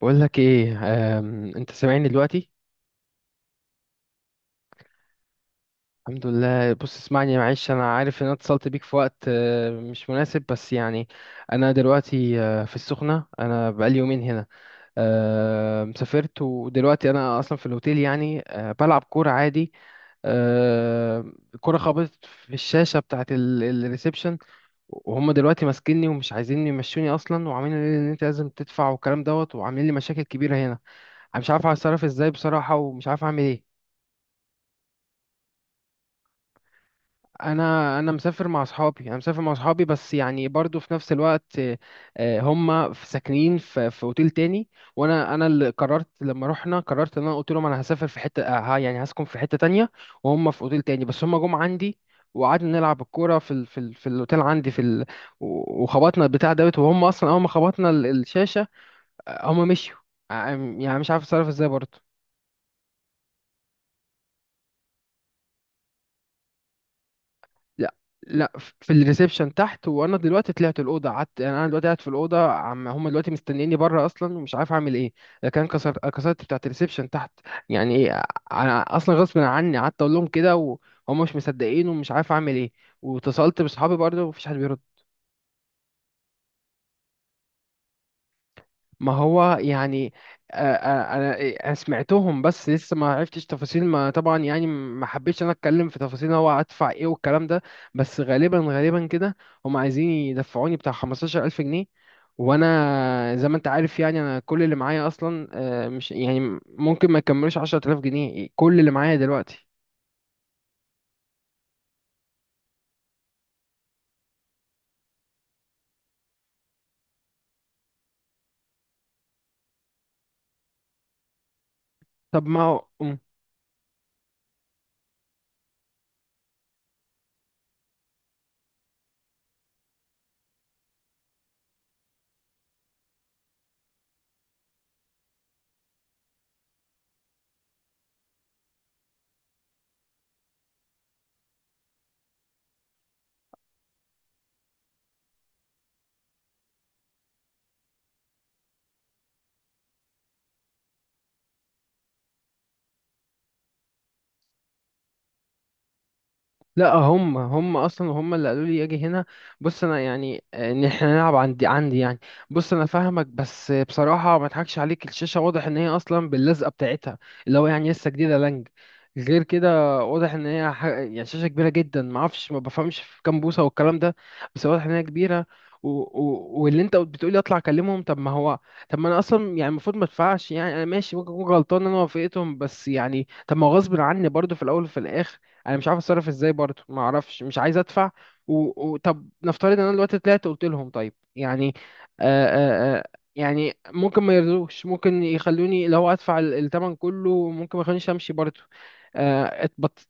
بقول لك ايه. انت سامعني دلوقتي؟ الحمد لله. بص اسمعني، معلش انا عارف ان انا اتصلت بيك في وقت مش مناسب، بس يعني. انا دلوقتي في السخنة. انا بقالي يومين هنا. سافرت ودلوقتي انا اصلا في الاوتيل، يعني بلعب كورة عادي. الكورة خبطت في الشاشة بتاعت الريسبشن. وهم دلوقتي ماسكيني ومش عايزين يمشوني اصلا، وعاملين لي ان انت لازم تدفع والكلام دوت، وعاملين لي مشاكل كبيرة هنا. انا مش عارف اتصرف ازاي بصراحة، ومش عارف اعمل ايه. انا مسافر مع اصحابي، بس يعني برضو في نفس الوقت. هم ساكنين في اوتيل تاني. وانا اللي قررت لما رحنا، قررت ان انا قلت لهم انا هسافر في حته، آه، ها يعني هسكن في حته تانية. وهم في اوتيل تاني، بس هم جم عندي. وقعدنا نلعب الكوره في الاوتيل عندي وخبطنا البتاع دوت، وهم اصلا اول ما خبطنا الشاشه. هم مشيوا. آه، يعني مش عارف اتصرف ازاي برضو. لا، لا، في الريسبشن تحت. وانا دلوقتي طلعت الاوضه قعدت، يعني انا دلوقتي قاعد في الاوضه، عم هم دلوقتي مستنيني بره اصلا، ومش عارف اعمل ايه. لكن أنا كسرت بتاعه الريسبشن تحت. يعني ايه؟ انا اصلا غصب عني قعدت اقول لهم كده، وهم مش مصدقين، ومش عارف اعمل ايه. واتصلت بصحابي برضه، ومفيش حد بيرد. ما هو يعني. انا. أنا سمعتهم بس لسه ما عرفتش تفاصيل، ما طبعا يعني ما حبيتش انا اتكلم في تفاصيل هو هدفع ايه والكلام ده. بس غالبا غالبا كده. هم عايزين يدفعوني بتاع 15000 جنيه. وانا زي ما انت عارف، يعني انا كل اللي معايا اصلا مش، يعني ممكن ما يكملوش 10000 جنيه كل اللي معايا دلوقتي. طب ما هو. لا، هم اصلا هم اللي قالوا لي اجي هنا. بص انا يعني ان احنا نلعب عندي عندي يعني. بص انا فاهمك، بس بصراحه ما اضحكش عليك، الشاشه واضح ان هي اصلا باللزقه بتاعتها، اللي هو يعني لسه جديده لانج. غير كده واضح ان هي يعني شاشه كبيره جدا، ما اعرفش، ما بفهمش في كام بوصه والكلام ده، بس واضح ان هي كبيره. واللي انت بتقولي اطلع اكلمهم، طب ما هو. طب ما انا اصلا يعني المفروض ما ادفعش، يعني انا ماشي، ممكن اكون غلطان إن انا وافقتهم، بس يعني طب ما هو غصب عني برضو في الاول وفي الاخر. انا مش عارف اتصرف ازاي برضه، ما اعرفش، مش عايز ادفع. و... طب نفترض ان انا دلوقتي طلعت قلت لهم طيب، يعني آه آه آه يعني ممكن ما يرضوش، ممكن يخلوني لو ادفع الثمن كله، ممكن ما يخلونيش امشي برضه. آه اتبط.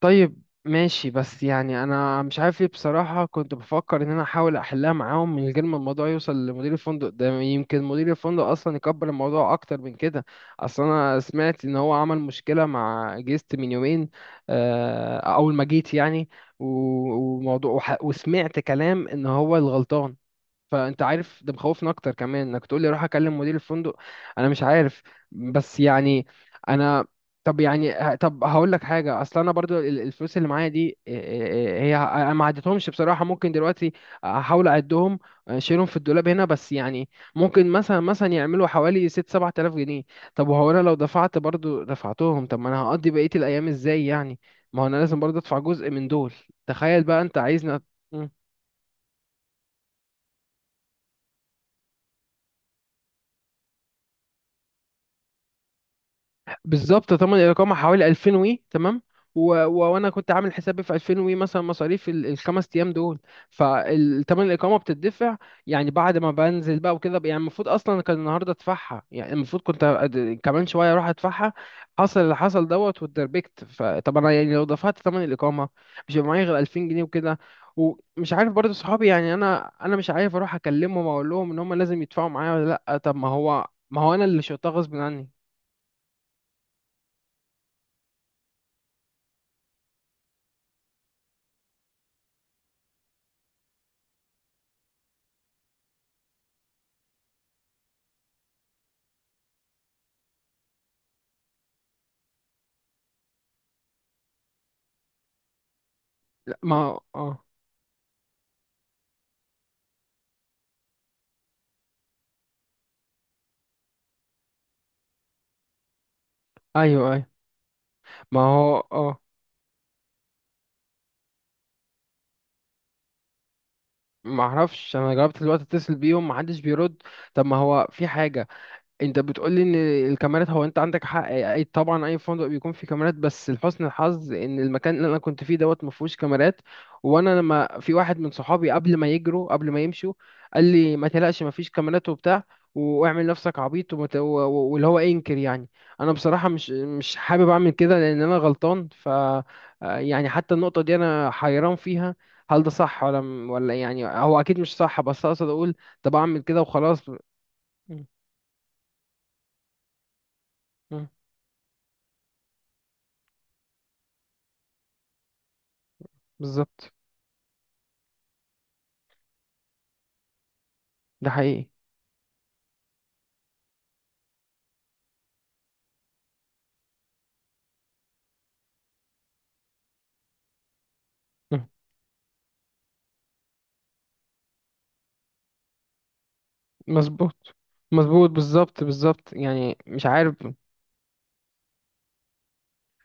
طيب ماشي، بس يعني انا مش عارف ايه بصراحة. كنت بفكر ان انا احاول احلها معاهم من غير ما الموضوع يوصل لمدير الفندق، ده يمكن مدير الفندق اصلا يكبر الموضوع اكتر من كده. اصل انا سمعت ان هو عمل مشكلة مع جيست من يومين، اول ما جيت يعني. و- وموضوع، وسمعت كلام ان هو الغلطان. فانت عارف ده مخوفني اكتر كمان، انك تقول لي روح اكلم مدير الفندق. انا مش عارف، بس يعني انا، طب يعني طب هقول لك حاجه. اصل انا برضو الفلوس اللي معايا دي، هي انا ما عدتهمش بصراحه، ممكن دلوقتي احاول اعدهم، اشيلهم في الدولاب هنا، بس يعني ممكن مثلا يعملوا حوالي 6 7000 جنيه. طب وهو انا لو دفعت برضو دفعتهم، طب ما انا هقضي بقيه الايام ازاي يعني. ما هو انا لازم برضو ادفع جزء من دول. تخيل بقى انت عايزنا. بالظبط، طبعا الإقامة حوالي 2000 وي تمام. وأنا كنت عامل حسابي في 2000 وي مثلا مصاريف الخمس أيام دول، فالتمن الإقامة بتدفع، يعني بعد ما بنزل بقى وكده، يعني المفروض أصلا كان النهاردة أدفعها، يعني المفروض كنت كمان شوية أروح أدفعها. حصل اللي حصل دوت واتدربكت، فطب أنا يعني لو دفعت تمن الإقامة، مش هيبقى معايا غير 2000 جنيه وكده. ومش عارف برضه صحابي، يعني أنا مش عارف أروح أكلمهم أقول لهم إن هم لازم يدفعوا معايا ولا لأ. طب ما هو، ما هو أنا اللي شلتها غصب عني. لا، ما هو- اه، ايوه، ايوه، ما هو، اه. ما اعرفش. انا جربت دلوقتي اتصل بيهم، ما حدش بيرد. طب ما هو في حاجه، انت بتقولي ان الكاميرات، هو انت عندك حق، اي طبعا اي فندق بيكون فيه كاميرات، بس لحسن الحظ ان المكان اللي انا كنت فيه دوت ما فيهوش كاميرات. وانا لما في واحد من صحابي، قبل ما يجروا، قبل ما يمشوا، قال لي ما تقلقش، ما فيش كاميرات وبتاع، واعمل نفسك عبيط واللي هو انكر يعني. انا بصراحة مش حابب اعمل كده لان انا غلطان ف آه، يعني حتى النقطة دي انا حيران فيها، هل ده صح ولا يعني. هو اكيد مش صح، بس اقصد اقول طب اعمل كده وخلاص م- بالظبط. ده حقيقي. مم. مظبوط، مظبوط، بالظبط، بالظبط، يعني مش عارف.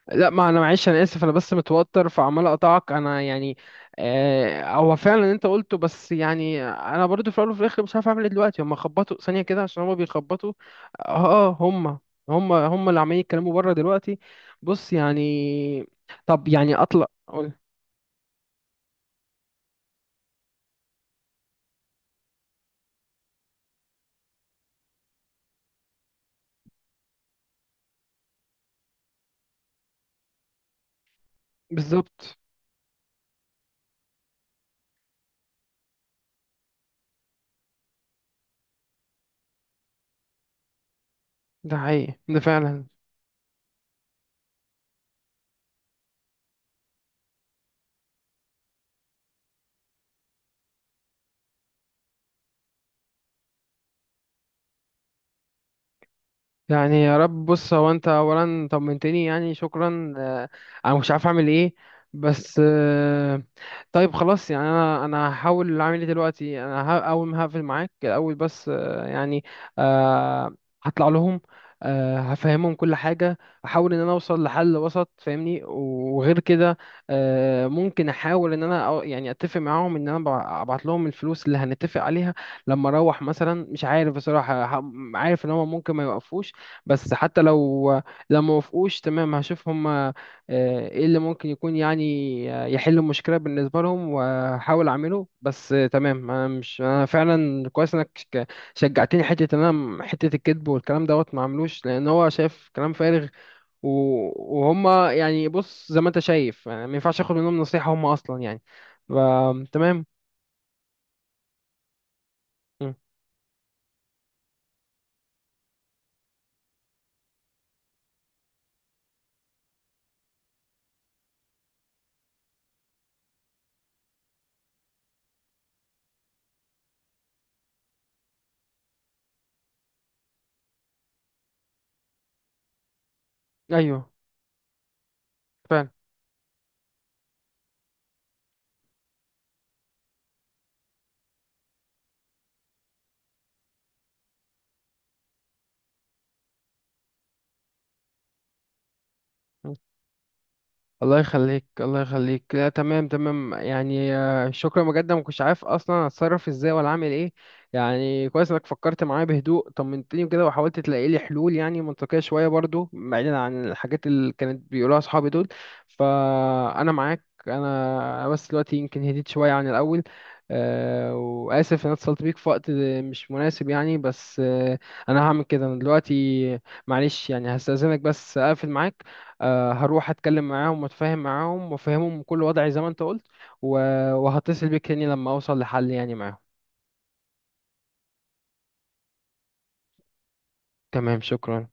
لا، ما انا معلش، انا اسف، انا بس متوتر فعمال اقطعك انا يعني. هو فعلا اللي انت قلته، بس يعني انا برضو في الاول وفي الاخر مش عارف اعمل ايه. دلوقتي هم خبطوا ثانيه كده عشان هم بيخبطوا. اه، هم اللي عمالين يتكلموا بره دلوقتي. بص يعني، طب يعني اطلع. بالظبط، ده حقيقي، ده فعلا. يعني يا رب. بص هو انت اولا طمنتني، يعني شكرا. انا مش عارف اعمل ايه، بس طيب خلاص. يعني انا هحاول اعمل ايه دلوقتي. انا اول ما هقفل معاك الاول، بس يعني آه، هطلع لهم، هفهمهم كل حاجة. احاول ان انا اوصل لحل وسط، فاهمني، وغير كده ممكن احاول ان انا يعني اتفق معاهم ان انا ابعت لهم الفلوس اللي هنتفق عليها لما اروح مثلا. مش عارف بصراحة، عارف ان هم ممكن ما يوقفوش، بس حتى لو، لو ما وافقوش، تمام هشوف هم ايه اللي ممكن يكون، يعني يحل المشكله بالنسبه لهم، واحاول اعمله، بس تمام. انا مش، انا فعلا كويس انك شجعتني، حته ان انا حته الكذب والكلام دوت ما عملوش، لان هو شايف كلام فارغ. وهم يعني بص زي ما انت شايف، يعني ما ينفعش اخد منهم نصيحه، هم اصلا يعني. ف- تمام. مم. ايوه فعلا. الله يخليك، الله يخليك، لا تمام، تمام، يعني شكرا بجد، ما كنتش عارف اصلا اتصرف ازاي ولا اعمل ايه. يعني كويس انك فكرت معايا بهدوء، طمنتني كده، وحاولت تلاقي لي حلول يعني منطقية شوية برضو، بعيدا عن الحاجات اللي كانت بيقولوها اصحابي دول. فانا معاك، انا بس دلوقتي يمكن هديت شوية عن الاول. وآسف إن أنا اتصلت بيك في وقت مش مناسب، يعني بس أنا هعمل كده. أنا دلوقتي معلش يعني هستأذنك بس أقفل معاك. هروح اتكلم معاهم واتفاهم معاهم وافهمهم كل وضعي زي ما انت قلت. وهتصل بيك تاني لما اوصل لحل يعني معاهم. تمام، شكرا.